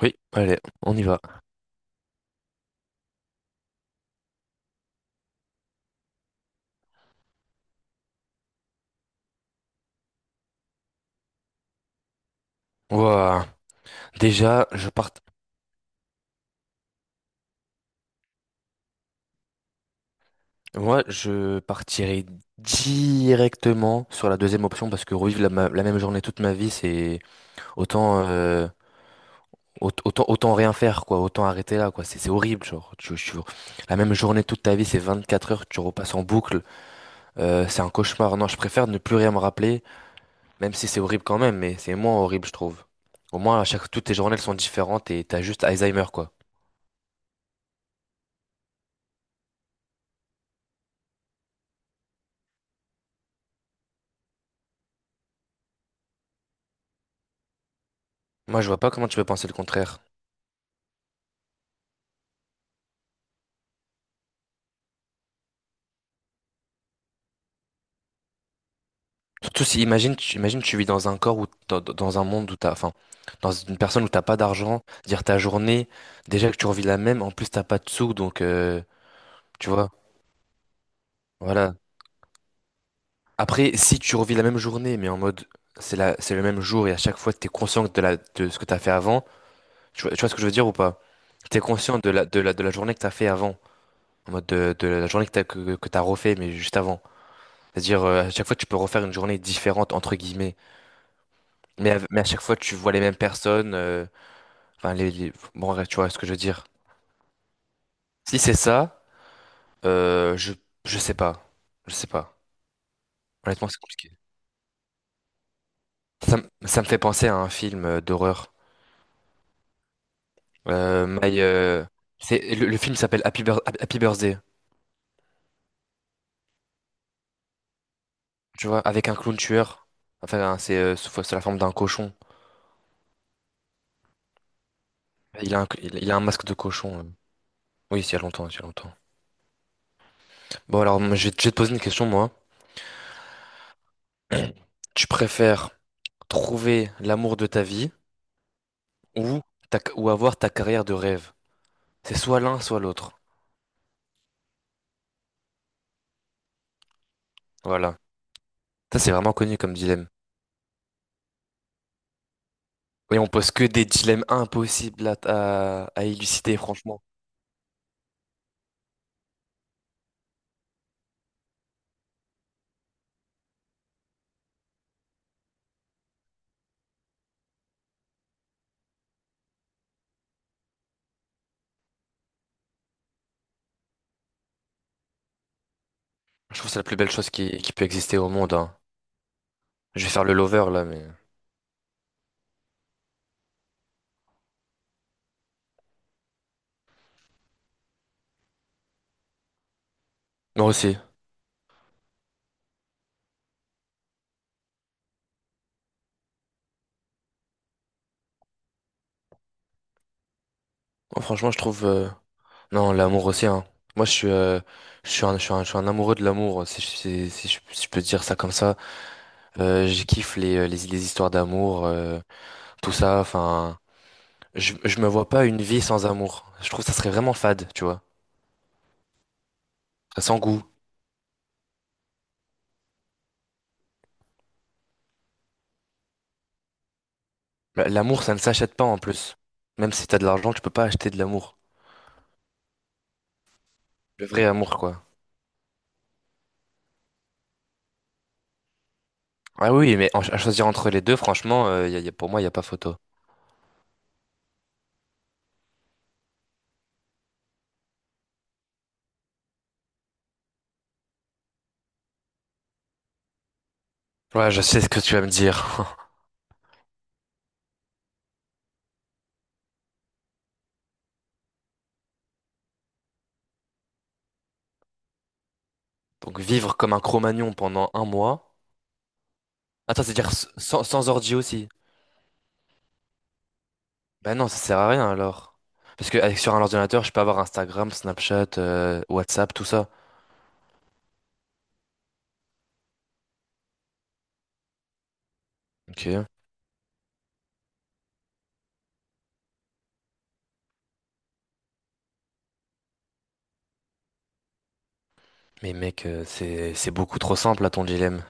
Oui, allez, on y va. Ouah. Déjà, je part... Moi, je partirai directement sur la deuxième option parce que revivre la même journée toute ma vie, c'est autant, euh, autant rien faire quoi, autant arrêter là quoi. C'est horrible genre. La même journée toute ta vie, c'est 24 heures, tu repasses en boucle, c'est un cauchemar. Non, je préfère ne plus rien me rappeler, même si c'est horrible quand même, mais c'est moins horrible je trouve. Au moins, à chaque toutes tes journées elles sont différentes et t'as juste Alzheimer quoi. Moi, je vois pas comment tu peux penser le contraire. Tout, si- imagine, imagine, tu vis dans un corps ou dans un monde où t'as, enfin, dans une personne où t'as pas d'argent, dire ta journée, déjà que tu revis la même, en plus t'as pas de sous, donc, tu vois, voilà. Après, si tu revis la même journée, mais en mode, c'est le même jour et à chaque fois t'es conscient de la, de ce que t'as fait avant, tu vois ce que je veux dire ou pas? T'es conscient de la journée que t'as fait avant, en mode de la journée que t'as, que t'as refait, mais juste avant. C'est-à-dire, à chaque fois tu peux refaire une journée différente, entre guillemets, mais à chaque fois tu vois les mêmes personnes, Bon, bref, tu vois ce que je veux dire. Si c'est ça, euh, je, je sais pas. Je sais pas. Honnêtement, c'est compliqué. Ça me fait penser à un film d'horreur. Euh, My, euh, le film s'appelle Happy Birthday, tu vois, avec un clown tueur. Enfin, c'est sous c'est la forme d'un cochon. Il a un masque de cochon. Oui, c'est il y a longtemps, c'est il y a longtemps. Bon, alors, moi, je vais te poser une question, moi. Tu préfères trouver l'amour de ta vie ou, ou avoir ta carrière de rêve? C'est soit l'un, soit l'autre. Voilà. Ça, c'est vraiment connu comme dilemme. Oui, on pose que des dilemmes impossibles à élucider, franchement. Je trouve que c'est la plus belle chose qui peut exister au monde, hein. Je vais faire le lover, là, mais... Moi aussi. Moi, franchement, Non, l'amour aussi, hein. Moi, je suis un, je suis un, je suis un amoureux de l'amour, si, si je peux dire ça comme ça. Je kiffe les, les histoires d'amour, tout ça, enfin... je me vois pas une vie sans amour. Je trouve que ça serait vraiment fade, tu vois. Sans goût. Bah, l'amour, ça ne s'achète pas en plus. Même si t'as de l'argent, tu peux pas acheter de l'amour. Le vrai amour, quoi. Ah oui, mais en- à choisir entre les deux, franchement, pour moi, il n'y a pas photo. Ouais, je sais ce que tu vas me dire. Donc vivre comme un cro-magnon pendant un mois. Attends, c'est-à-dire sans ordi aussi. Bah non, ça sert à rien alors. Parce que avec, sur un ordinateur, je peux avoir Instagram, Snapchat, WhatsApp, tout ça. Ok. Mais mec, c'est beaucoup trop simple à ton dilemme.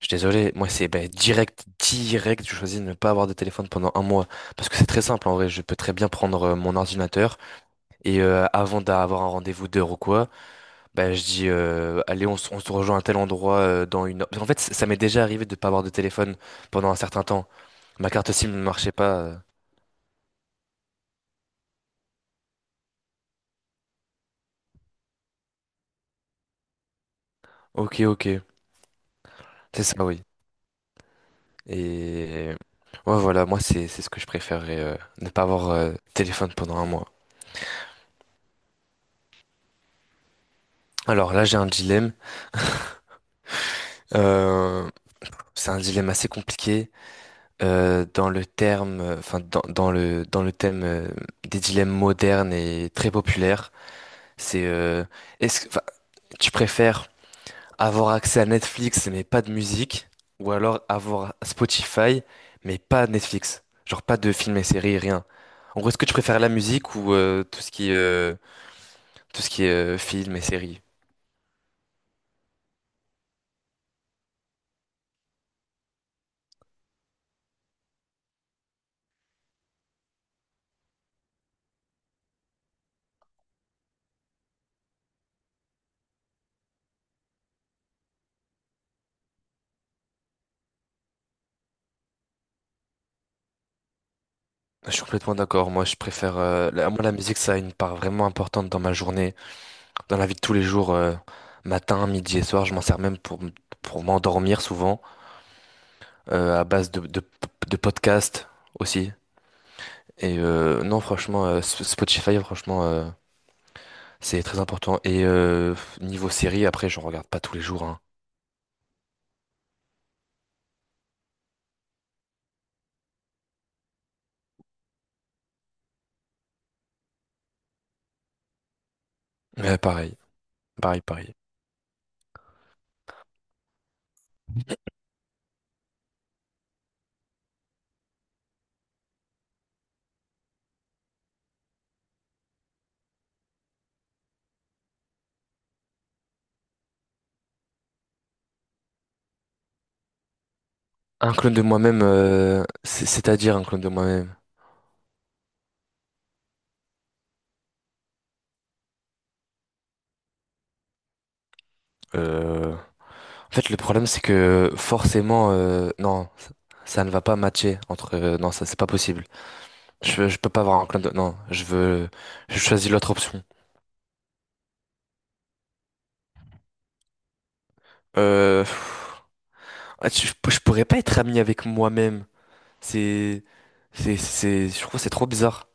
Je suis désolé, moi c'est ben, direct, je choisis de ne pas avoir de téléphone pendant un mois. Parce que c'est très simple en vrai, je peux très bien prendre mon ordinateur et avant d'avoir un rendez-vous d'heure ou quoi, ben, je dis allez on se rejoint à tel endroit dans une heure. Parce fait ça m'est déjà arrivé de ne pas avoir de téléphone pendant un certain temps. Ma carte SIM ne marchait pas. Ok ok, c'est ça oui. Et ouais voilà, moi c'est ce que je préférerais, ne pas avoir de téléphone pendant un mois. Alors là j'ai un dilemme. Euh, c'est un dilemme assez compliqué. Dans le terme, enfin dans, dans le thème des dilemmes modernes et très populaires, c'est est-ce que enfin, tu préfères avoir accès à Netflix mais pas de musique ou alors avoir Spotify mais pas Netflix, genre pas de films et séries, rien. En gros, est-ce que tu préfères la musique ou tout ce qui est films et séries? Je suis complètement d'accord. Moi, je préfère la musique, ça a une part vraiment importante dans ma journée. Dans la vie de tous les jours, matin, midi et soir, je m'en sers même pour m'endormir souvent, à base de podcasts aussi. Et non, franchement, Sp- Spotify, franchement, c'est très important. Et niveau série, après, j'en regarde pas tous les jours, hein. Mais pareil, pareil, pareil. Un clone de moi-même, c'est-à-dire un clone de moi-même. Euh, En fait, le problème, c'est que forcément, non, ça ne va pas matcher entre. Non, ça, c'est pas possible. Je peux pas avoir un clan de... Non, je veux... Je choisis l'autre option. Pff, ah, tu- je pourrais pas être ami avec moi-même. C'est... Je trouve que c'est trop bizarre.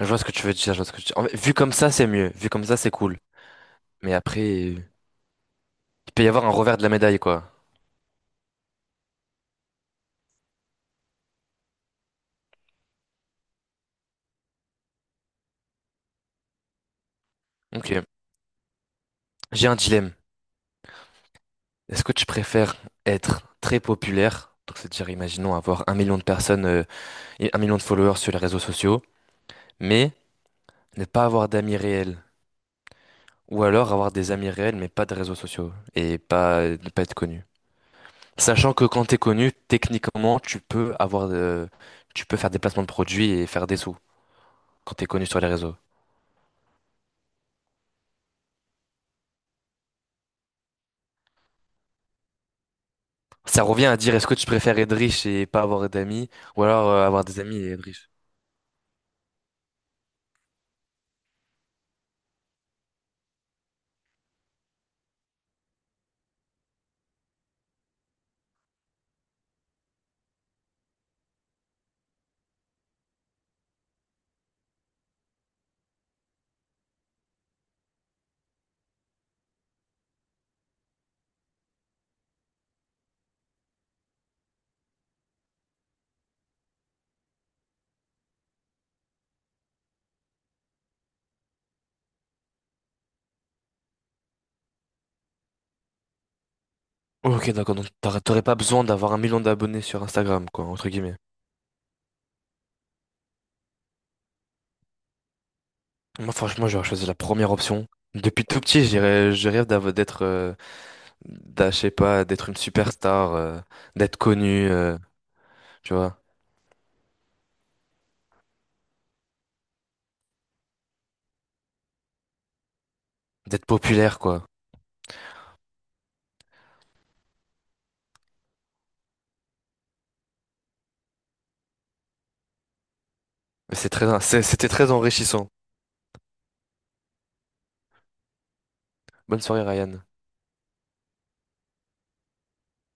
Je vois ce que tu veux dire, je vois ce que tu En fait, vu comme ça, c'est mieux. Vu comme ça, c'est cool. Mais après, il peut y avoir un revers de la médaille, quoi. Ok. J'ai un dilemme. Est-ce que tu préfères être très populaire, donc c'est-à-dire, imaginons, avoir un million de personnes et un million de followers sur les réseaux sociaux, mais ne pas avoir d'amis réels? Ou alors avoir des amis réels mais pas de réseaux sociaux et pas ne pas être connu. Sachant que quand t'es connu, techniquement, tu peux faire des placements de produits et faire des sous quand t'es connu sur les réseaux. Ça revient à dire est-ce que tu préfères être riche et pas avoir d'amis ou alors avoir des amis et être riche. Ok, d'accord, donc t'aurais pas besoin d'avoir un million d'abonnés sur Instagram, quoi, entre guillemets. Moi, franchement, j'aurais choisi la première option. Depuis tout petit, je rêve d'être, je sais pas, d'être une superstar, d'être connu, tu vois. D'être populaire, quoi. Mais c'est très, c'était très enrichissant. Bonne soirée, Ryan.